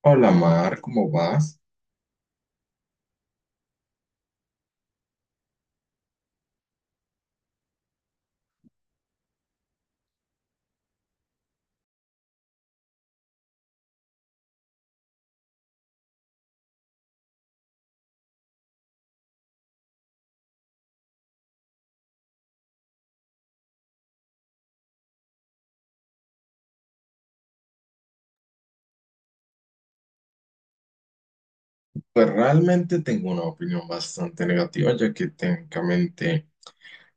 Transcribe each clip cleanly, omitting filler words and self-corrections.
Hola Mar, ¿cómo vas? Pues realmente tengo una opinión bastante negativa, ya que técnicamente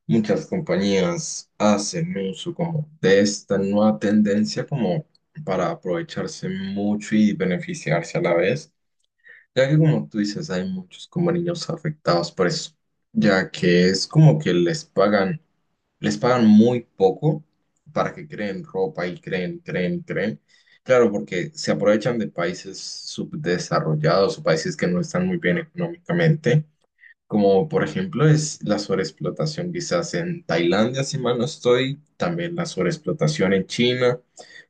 muchas compañías hacen uso como de esta nueva tendencia como para aprovecharse mucho y beneficiarse a la vez, ya que como tú dices, hay muchos como niños afectados por eso, ya que es como que les pagan. Les pagan muy poco para que creen ropa y creen. Claro, porque se aprovechan de países subdesarrollados o países que no están muy bien económicamente, como por ejemplo es la sobreexplotación quizás en Tailandia, si mal no estoy, también la sobreexplotación en China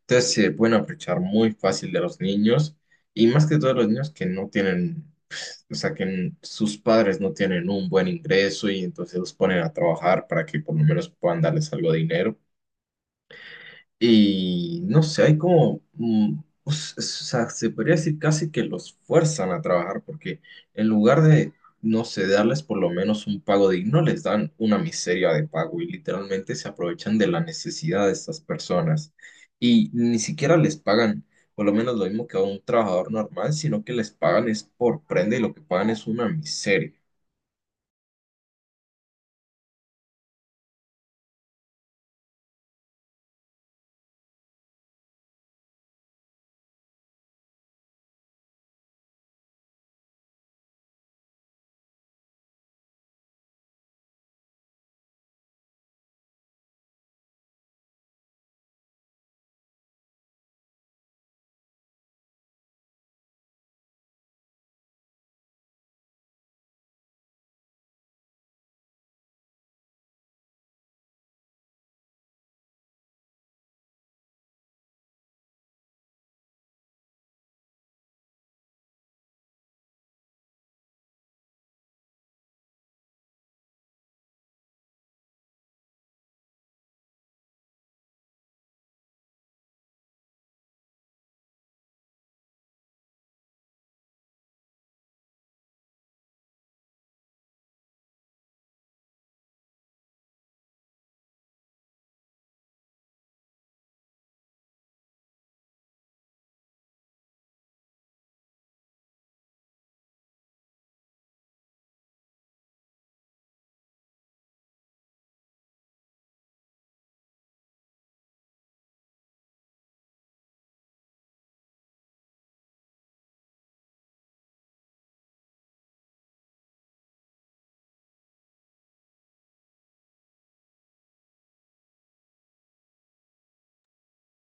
entonces se pueden aprovechar muy fácil de los niños y más que todo los niños que no tienen, pues, o sea, que sus padres no tienen un buen ingreso y entonces los ponen a trabajar para que por lo menos puedan darles algo de dinero. Y no sé, hay como, o sea, se podría decir casi que los fuerzan a trabajar porque en lugar de, no sé, darles por lo menos un pago digno, no les dan una miseria de pago y literalmente se aprovechan de la necesidad de estas personas. Y ni siquiera les pagan por lo menos lo mismo que a un trabajador normal, sino que les pagan es por prenda y lo que pagan es una miseria.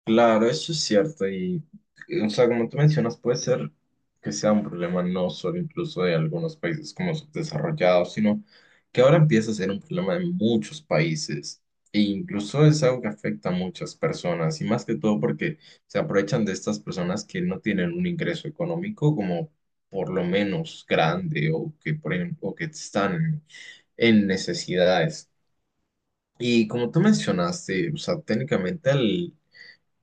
Claro, eso es cierto. Y, o sea, como tú mencionas, puede ser que sea un problema no solo incluso de algunos países como subdesarrollados, sino que ahora empieza a ser un problema de muchos países. E incluso es algo que afecta a muchas personas, y más que todo porque se aprovechan de estas personas que no tienen un ingreso económico como por lo menos grande o que, por ejemplo, o que están en necesidades. Y como tú mencionaste, o sea, técnicamente el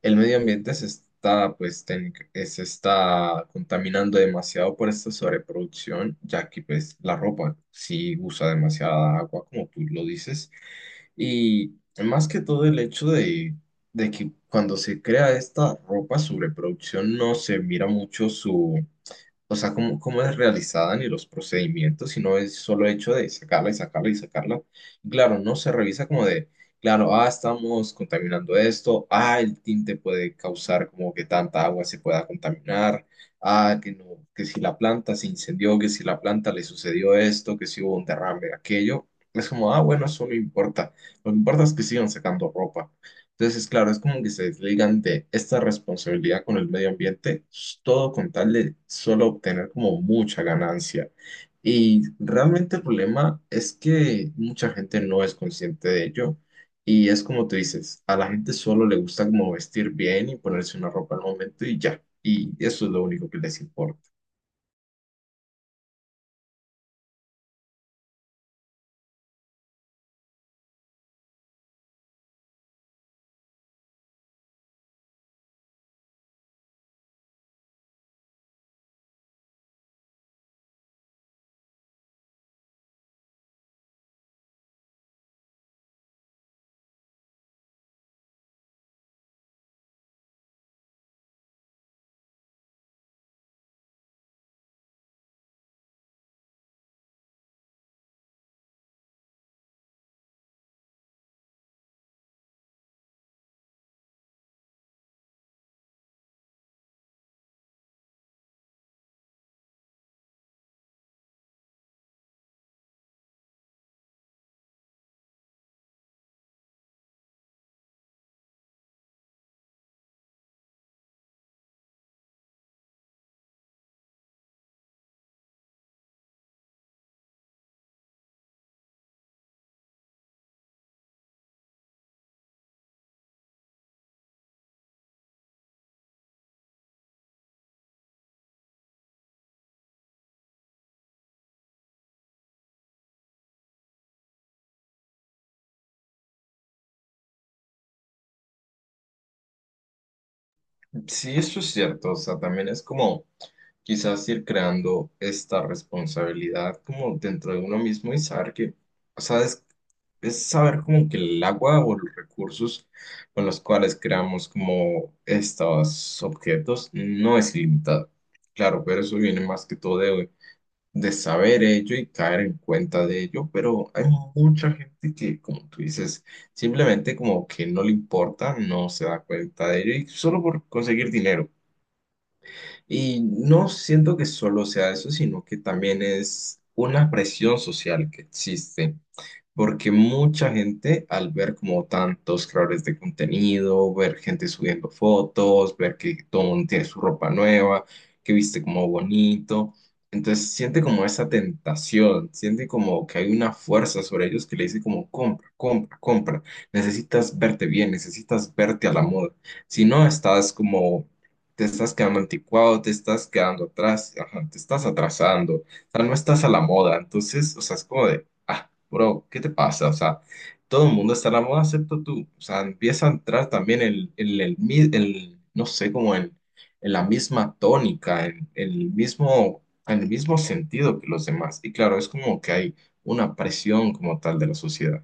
el medio ambiente se está, pues, se está contaminando demasiado por esta sobreproducción, ya que pues la ropa sí usa demasiada agua, como tú lo dices, y más que todo el hecho de que cuando se crea esta ropa sobreproducción no se mira mucho o sea, cómo es realizada ni los procedimientos, sino es solo hecho de sacarla y sacarla y sacarla. Claro, no se revisa como de, claro, ah, estamos contaminando esto, ah, el tinte puede causar como que tanta agua se pueda contaminar, ah, que no, que si la planta se incendió, que si la planta le sucedió esto, que si hubo un derrame, aquello. Es como, ah, bueno, eso no importa. Lo que importa es que sigan sacando ropa. Entonces, claro, es como que se desligan de esta responsabilidad con el medio ambiente, todo con tal de solo obtener como mucha ganancia. Y realmente el problema es que mucha gente no es consciente de ello. Y es como tú dices, a la gente solo le gusta como vestir bien y ponerse una ropa al momento y ya. Y eso es lo único que les importa. Sí, eso es cierto, o sea, también es como quizás ir creando esta responsabilidad como dentro de uno mismo y saber que, o sea, es saber como que el agua o los recursos con los cuales creamos como estos objetos no es limitado. Claro, pero eso viene más que todo de saber ello y caer en cuenta de ello, pero hay mucha gente que, como tú dices, simplemente como que no le importa, no se da cuenta de ello y solo por conseguir dinero. Y no siento que solo sea eso, sino que también es una presión social que existe porque mucha gente al ver como tantos creadores de contenido, ver gente subiendo fotos, ver que todo el mundo tiene su ropa nueva, que viste como bonito, entonces siente como esa tentación, siente como que hay una fuerza sobre ellos que le dice como compra, compra, compra, necesitas verte bien, necesitas verte a la moda, si no estás como. Te estás quedando anticuado, te estás quedando atrás, ajá, te estás atrasando, o sea, no estás a la moda, entonces, o sea, es como de, ah, Bro, ¿qué te pasa? O sea, todo el mundo está en la moda excepto tú. O sea, empieza a entrar también el no sé, como en la misma tónica, en el mismo sentido que los demás. Y claro, es como que hay una presión como tal de la sociedad.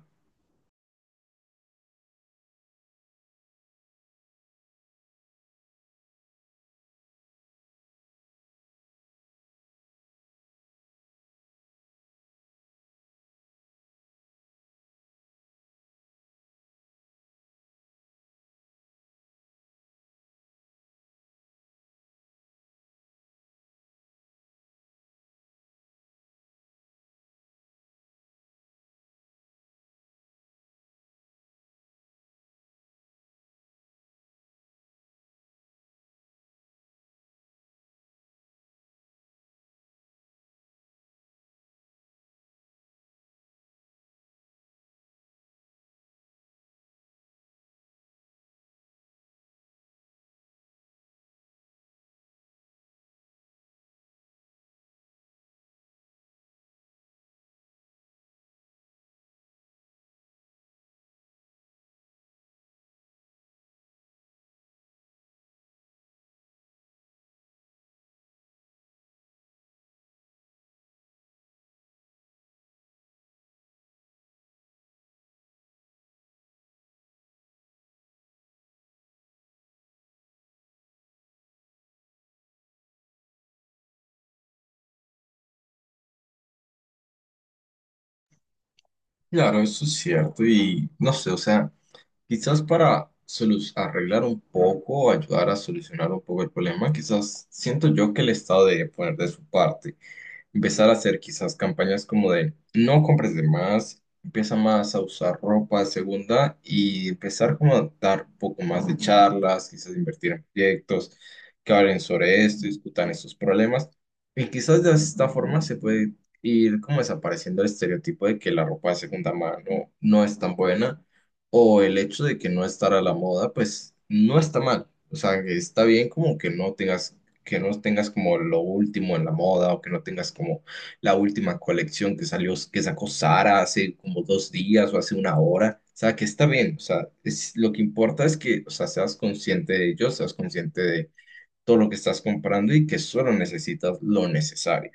Claro, eso es cierto. Y no sé, o sea, quizás para arreglar un poco, ayudar a solucionar un poco el problema, quizás siento yo que el Estado debe poner de su parte empezar a hacer quizás campañas como de no compres de más, empieza más a usar ropa de segunda y empezar como a dar un poco más de charlas, quizás invertir en proyectos que hablen sobre esto, discutan estos problemas. Y quizás de esta forma se puede ir como desapareciendo el estereotipo de que la ropa de segunda mano no es tan buena o el hecho de que no estar a la moda, pues no está mal. O sea, que está bien como que no tengas como lo último en la moda o que no tengas como la última colección que salió, que sacó Sara hace como 2 días o hace una hora. O sea, que está bien. O sea, es, lo que importa es que, o sea, seas consciente de ello, seas consciente de todo lo que estás comprando y que solo necesitas lo necesario.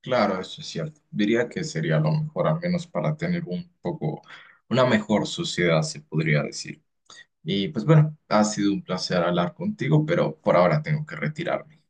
Claro, eso es cierto. Diría que sería lo mejor, al menos para tener un poco, una mejor sociedad, se podría decir. Y pues bueno, ha sido un placer hablar contigo, pero por ahora tengo que retirarme.